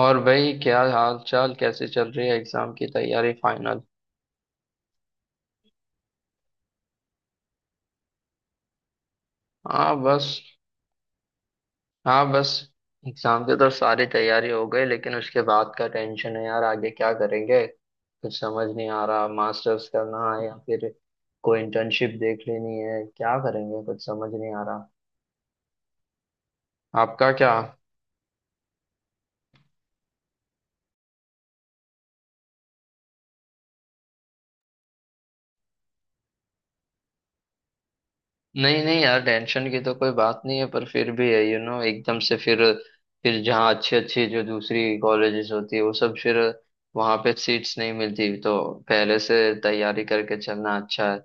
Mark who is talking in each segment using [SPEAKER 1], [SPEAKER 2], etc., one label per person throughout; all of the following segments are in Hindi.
[SPEAKER 1] और भाई, क्या हाल चाल? कैसे चल रही है एग्जाम की तैयारी, फाइनल? हाँ बस। हाँ बस। एग्जाम की तो सारी तैयारी हो गई, लेकिन उसके बाद का टेंशन है यार, आगे क्या करेंगे कुछ समझ नहीं आ रहा। मास्टर्स करना है या फिर कोई इंटर्नशिप देख लेनी है, क्या करेंगे कुछ समझ नहीं आ रहा। आपका क्या? नहीं नहीं यार, टेंशन की तो कोई बात नहीं है, पर फिर भी है। यू you नो know, एकदम से फिर, जहाँ अच्छी अच्छी जो दूसरी कॉलेजेस होती है वो सब, फिर वहाँ पे सीट्स नहीं मिलती, तो पहले से तैयारी करके चलना अच्छा है।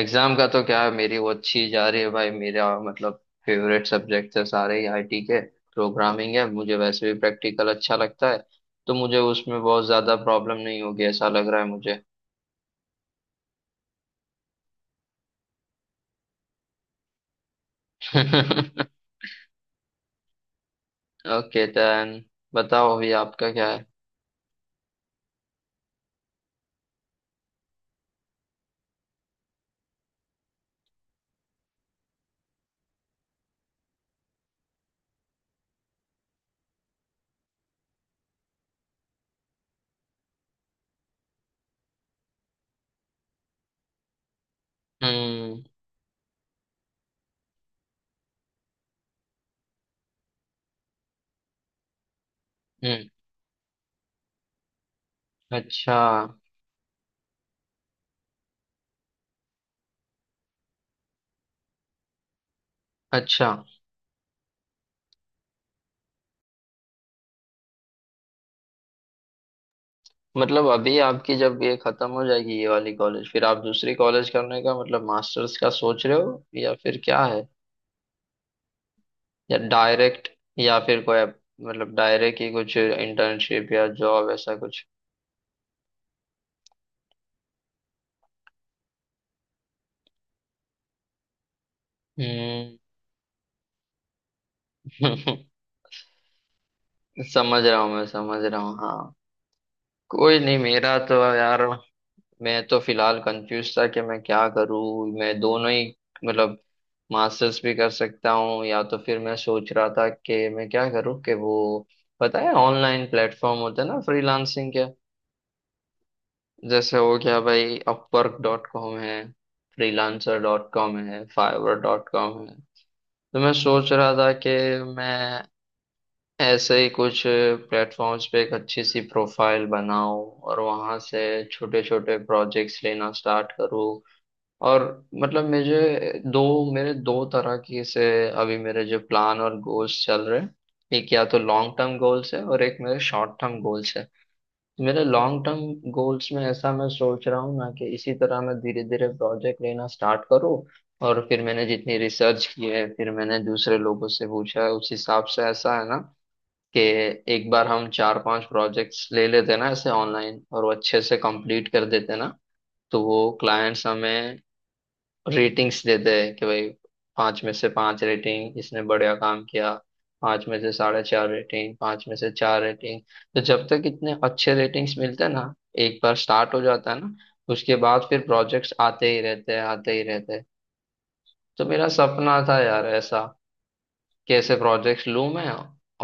[SPEAKER 1] एग्जाम का तो क्या है, मेरी वो अच्छी जा रही है भाई। मेरा मतलब फेवरेट सब्जेक्ट है सारे ही आईटी के, प्रोग्रामिंग है। मुझे वैसे भी प्रैक्टिकल अच्छा लगता है, तो मुझे उसमें बहुत ज्यादा प्रॉब्लम नहीं होगी ऐसा लग रहा है मुझे। ओके देन, बताओ अभी आपका क्या है? हम्म हम्म, अच्छा, अच्छा। मतलब अभी आपकी जब ये खत्म हो जाएगी ये वाली कॉलेज, फिर आप दूसरी कॉलेज करने का मतलब मास्टर्स का सोच रहे हो, या फिर क्या है? या डायरेक्ट? या फिर कोई मतलब डायरेक्ट ही कुछ इंटर्नशिप या जॉब, ऐसा कुछ? हम्म। समझ रहा हूँ मैं, समझ रहा हूँ, हाँ। कोई नहीं, मेरा तो यार। मैं तो फिलहाल कंफ्यूज था कि मैं क्या करूँ। मैं दोनों ही, मतलब मास्टर्स भी कर सकता हूँ, या तो फिर मैं सोच रहा था कि मैं क्या करूँ कि वो, पता है ऑनलाइन प्लेटफॉर्म होते हैं ना फ्रीलांसिंग के, जैसे हो गया भाई, अपवर्क डॉट कॉम है, फ्रीलांसर डॉट कॉम है, फाइवर डॉट कॉम है। तो मैं सोच रहा था कि मैं ऐसे ही कुछ प्लेटफॉर्म्स पे एक अच्छी सी प्रोफाइल बनाऊं, और वहां से छोटे छोटे प्रोजेक्ट्स लेना स्टार्ट करूं। और मतलब मुझे दो, मेरे दो तरह की से, अभी मेरे जो प्लान और गोल्स चल रहे हैं, एक या तो लॉन्ग टर्म गोल्स है और एक मेरे शॉर्ट टर्म गोल्स है। मेरे लॉन्ग टर्म गोल्स में ऐसा मैं सोच रहा हूँ ना कि इसी तरह मैं धीरे धीरे प्रोजेक्ट लेना स्टार्ट करूँ। और फिर मैंने जितनी रिसर्च की है, फिर मैंने दूसरे लोगों से पूछा है, उस हिसाब से ऐसा है ना कि एक बार हम चार पांच प्रोजेक्ट्स ले लेते ना ऐसे ऑनलाइन, और वो अच्छे से कंप्लीट कर देते ना, तो वो क्लाइंट्स हमें रेटिंग्स देते हैं कि भाई पाँच में से पाँच रेटिंग, इसने बढ़िया काम किया। पाँच में से साढ़े चार रेटिंग, पाँच में से चार रेटिंग। तो जब तक इतने अच्छे रेटिंग्स मिलते हैं ना, एक बार स्टार्ट हो जाता है ना, उसके बाद फिर प्रोजेक्ट्स आते ही रहते हैं, आते ही रहते हैं। तो मेरा सपना था यार ऐसा, कैसे प्रोजेक्ट्स लूँ मैं।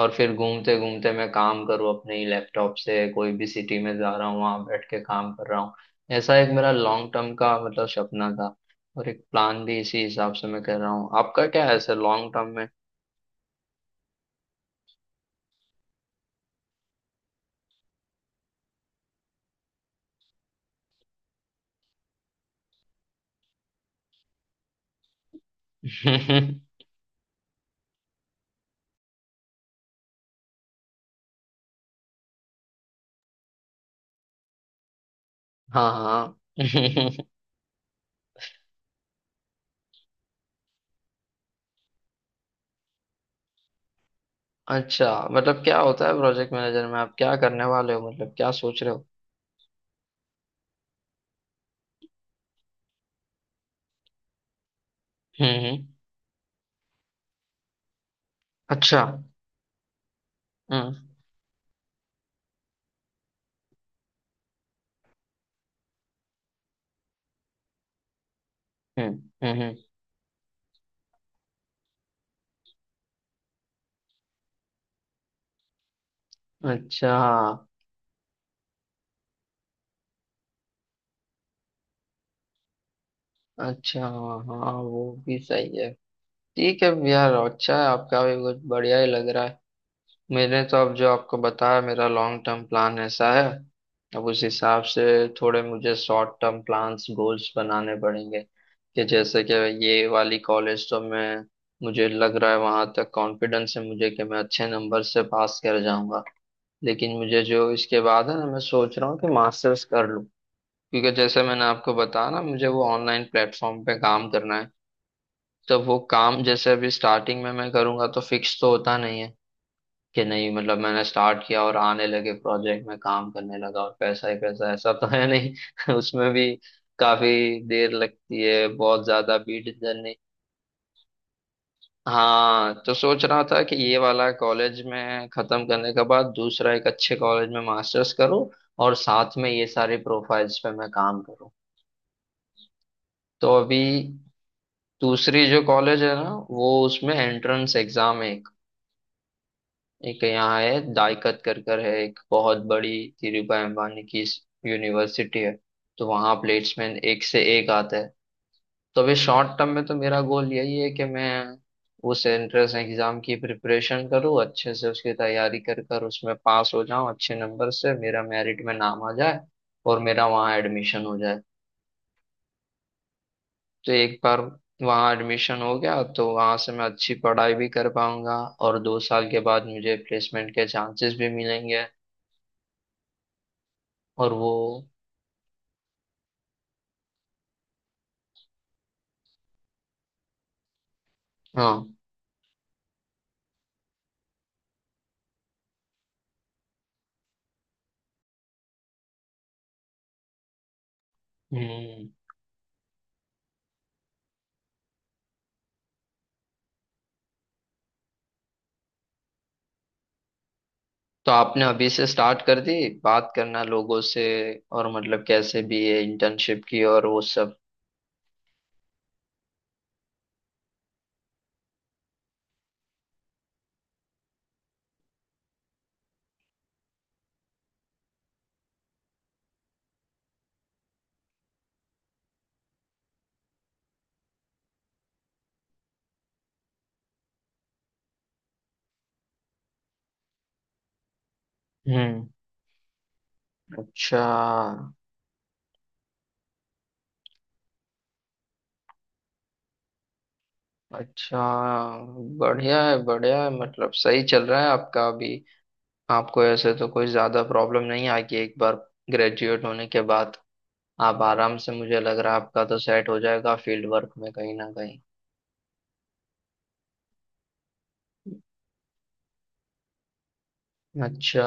[SPEAKER 1] और फिर घूमते घूमते मैं काम करूँ अपने ही लैपटॉप से, कोई भी सिटी में जा रहा हूँ वहाँ बैठ के काम कर रहा हूँ, ऐसा एक मेरा लॉन्ग टर्म का मतलब सपना था। और एक प्लान भी इसी हिसाब से मैं कर रहा हूँ। आपका क्या है सर लॉन्ग टर्म में? हाँ हाँ। अच्छा, मतलब क्या होता है प्रोजेक्ट मैनेजर में, आप क्या करने वाले हो, मतलब क्या सोच रहे हो? हम्म हम्म, अच्छा। हम्म हम्म। हम्म हम्म, अच्छा। अच्छा हाँ हाँ, वो भी सही है। ठीक है यार, अच्छा है, आपका भी कुछ बढ़िया ही लग रहा है। मैंने तो अब जो आपको बताया मेरा लॉन्ग टर्म प्लान ऐसा है। अब उस हिसाब से थोड़े मुझे शॉर्ट टर्म प्लान्स गोल्स बनाने पड़ेंगे, कि जैसे कि ये वाली कॉलेज तो मैं, मुझे लग रहा है वहां तक कॉन्फिडेंस है मुझे कि मैं अच्छे नंबर से पास कर जाऊंगा। लेकिन मुझे जो इसके बाद है ना, मैं सोच रहा हूँ कि मास्टर्स कर लूँ, क्योंकि जैसे मैंने आपको बताया ना, मुझे वो ऑनलाइन प्लेटफॉर्म पे काम करना है, तो वो काम जैसे अभी स्टार्टिंग में मैं करूंगा तो फिक्स तो होता नहीं है कि नहीं, मतलब मैंने स्टार्ट किया और आने लगे प्रोजेक्ट में, काम करने लगा और पैसा ही पैसा, ऐसा तो है नहीं। उसमें भी काफी देर लगती है, बहुत ज्यादा भीड़ जर्नी। हाँ, तो सोच रहा था कि ये वाला कॉलेज में खत्म करने के बाद दूसरा एक अच्छे कॉलेज में मास्टर्स करूँ, और साथ में ये सारे प्रोफाइल्स पे मैं काम करूँ। तो अभी दूसरी जो कॉलेज है ना, वो उसमें एंट्रेंस एग्जाम है। एक यहाँ है दाइकत कर कर है, एक बहुत बड़ी धीरूभाई अंबानी की यूनिवर्सिटी है, तो वहाँ प्लेसमेंट एक से एक आता है। तो अभी शॉर्ट टर्म में तो मेरा गोल यही है कि मैं उस एंट्रेंस एग्जाम की प्रिपरेशन करूँ अच्छे से, उसकी तैयारी कर कर उसमें पास हो जाऊँ अच्छे नंबर से, मेरा मेरिट में नाम आ जाए और मेरा वहाँ एडमिशन हो जाए। तो एक बार वहाँ एडमिशन हो गया तो वहाँ से मैं अच्छी पढ़ाई भी कर पाऊंगा और दो साल के बाद मुझे प्लेसमेंट के चांसेस भी मिलेंगे। और वो, हाँ। हम्म। तो आपने अभी से स्टार्ट कर दी बात करना लोगों से, और मतलब कैसे भी है इंटर्नशिप की और वो सब। हम्म, अच्छा, अच्छा। बढ़िया है, बढ़िया है, मतलब सही चल रहा है आपका अभी। आपको ऐसे तो कोई ज्यादा प्रॉब्लम नहीं आएगी एक बार ग्रेजुएट होने के बाद, आप आराम से, मुझे लग रहा है आपका तो सेट हो जाएगा फील्ड वर्क में कहीं ना कहीं। अच्छा।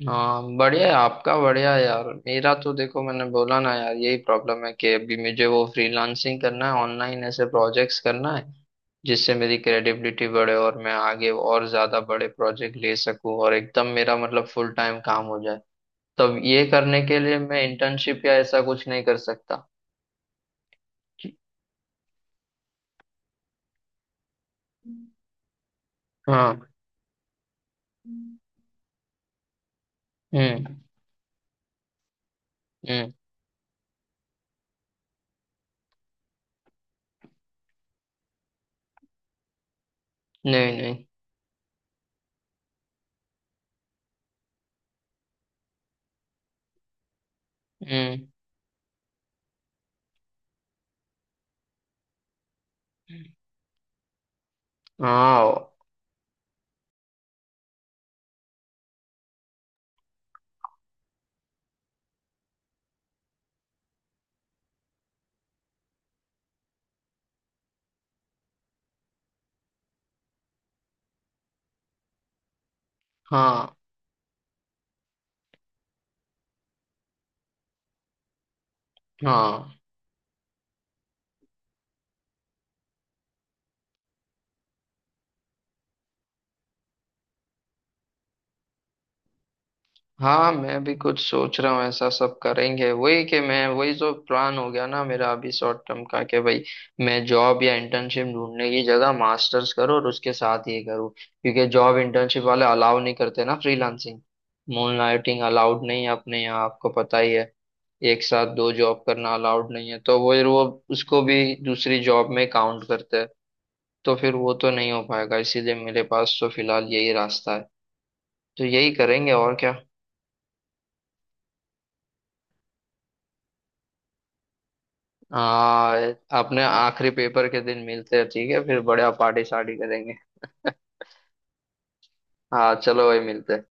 [SPEAKER 1] हाँ बढ़िया है आपका, बढ़िया है यार। मेरा तो देखो, मैंने बोला ना यार यही प्रॉब्लम है कि अभी मुझे वो फ्रीलांसिंग करना है, ऑनलाइन ऐसे प्रोजेक्ट्स करना है जिससे मेरी क्रेडिबिलिटी बढ़े और मैं आगे और ज्यादा बड़े प्रोजेक्ट ले सकूं, और एकदम मेरा मतलब फुल टाइम काम हो जाए। तब ये करने के लिए मैं इंटर्नशिप या ऐसा कुछ नहीं कर सकता। हाँ। हम्म हम्म। नहीं नहीं। हम्म। हाँ हाँ। हाँ। हाँ मैं भी कुछ सोच रहा हूँ, ऐसा सब करेंगे वही, कि मैं वही जो प्लान हो गया ना मेरा अभी शॉर्ट टर्म का, कि भाई मैं जॉब या इंटर्नशिप ढूंढने की जगह मास्टर्स करूँ और उसके साथ ये करूँ, क्योंकि जॉब इंटर्नशिप वाले अलाउ नहीं करते ना फ्रीलांसिंग। मूनलाइटिंग अलाउड नहीं है अपने यहाँ, आपको पता ही है, एक साथ दो जॉब करना अलाउड नहीं है। तो वो उसको भी दूसरी जॉब में काउंट करते हैं, तो फिर वो तो नहीं हो पाएगा, इसीलिए मेरे पास तो फिलहाल यही रास्ता है, तो यही करेंगे और क्या। हाँ। अपने आखिरी पेपर के दिन मिलते हैं ठीक है, फिर बढ़िया पार्टी शार्टी करेंगे। हाँ चलो भाई, मिलते हैं।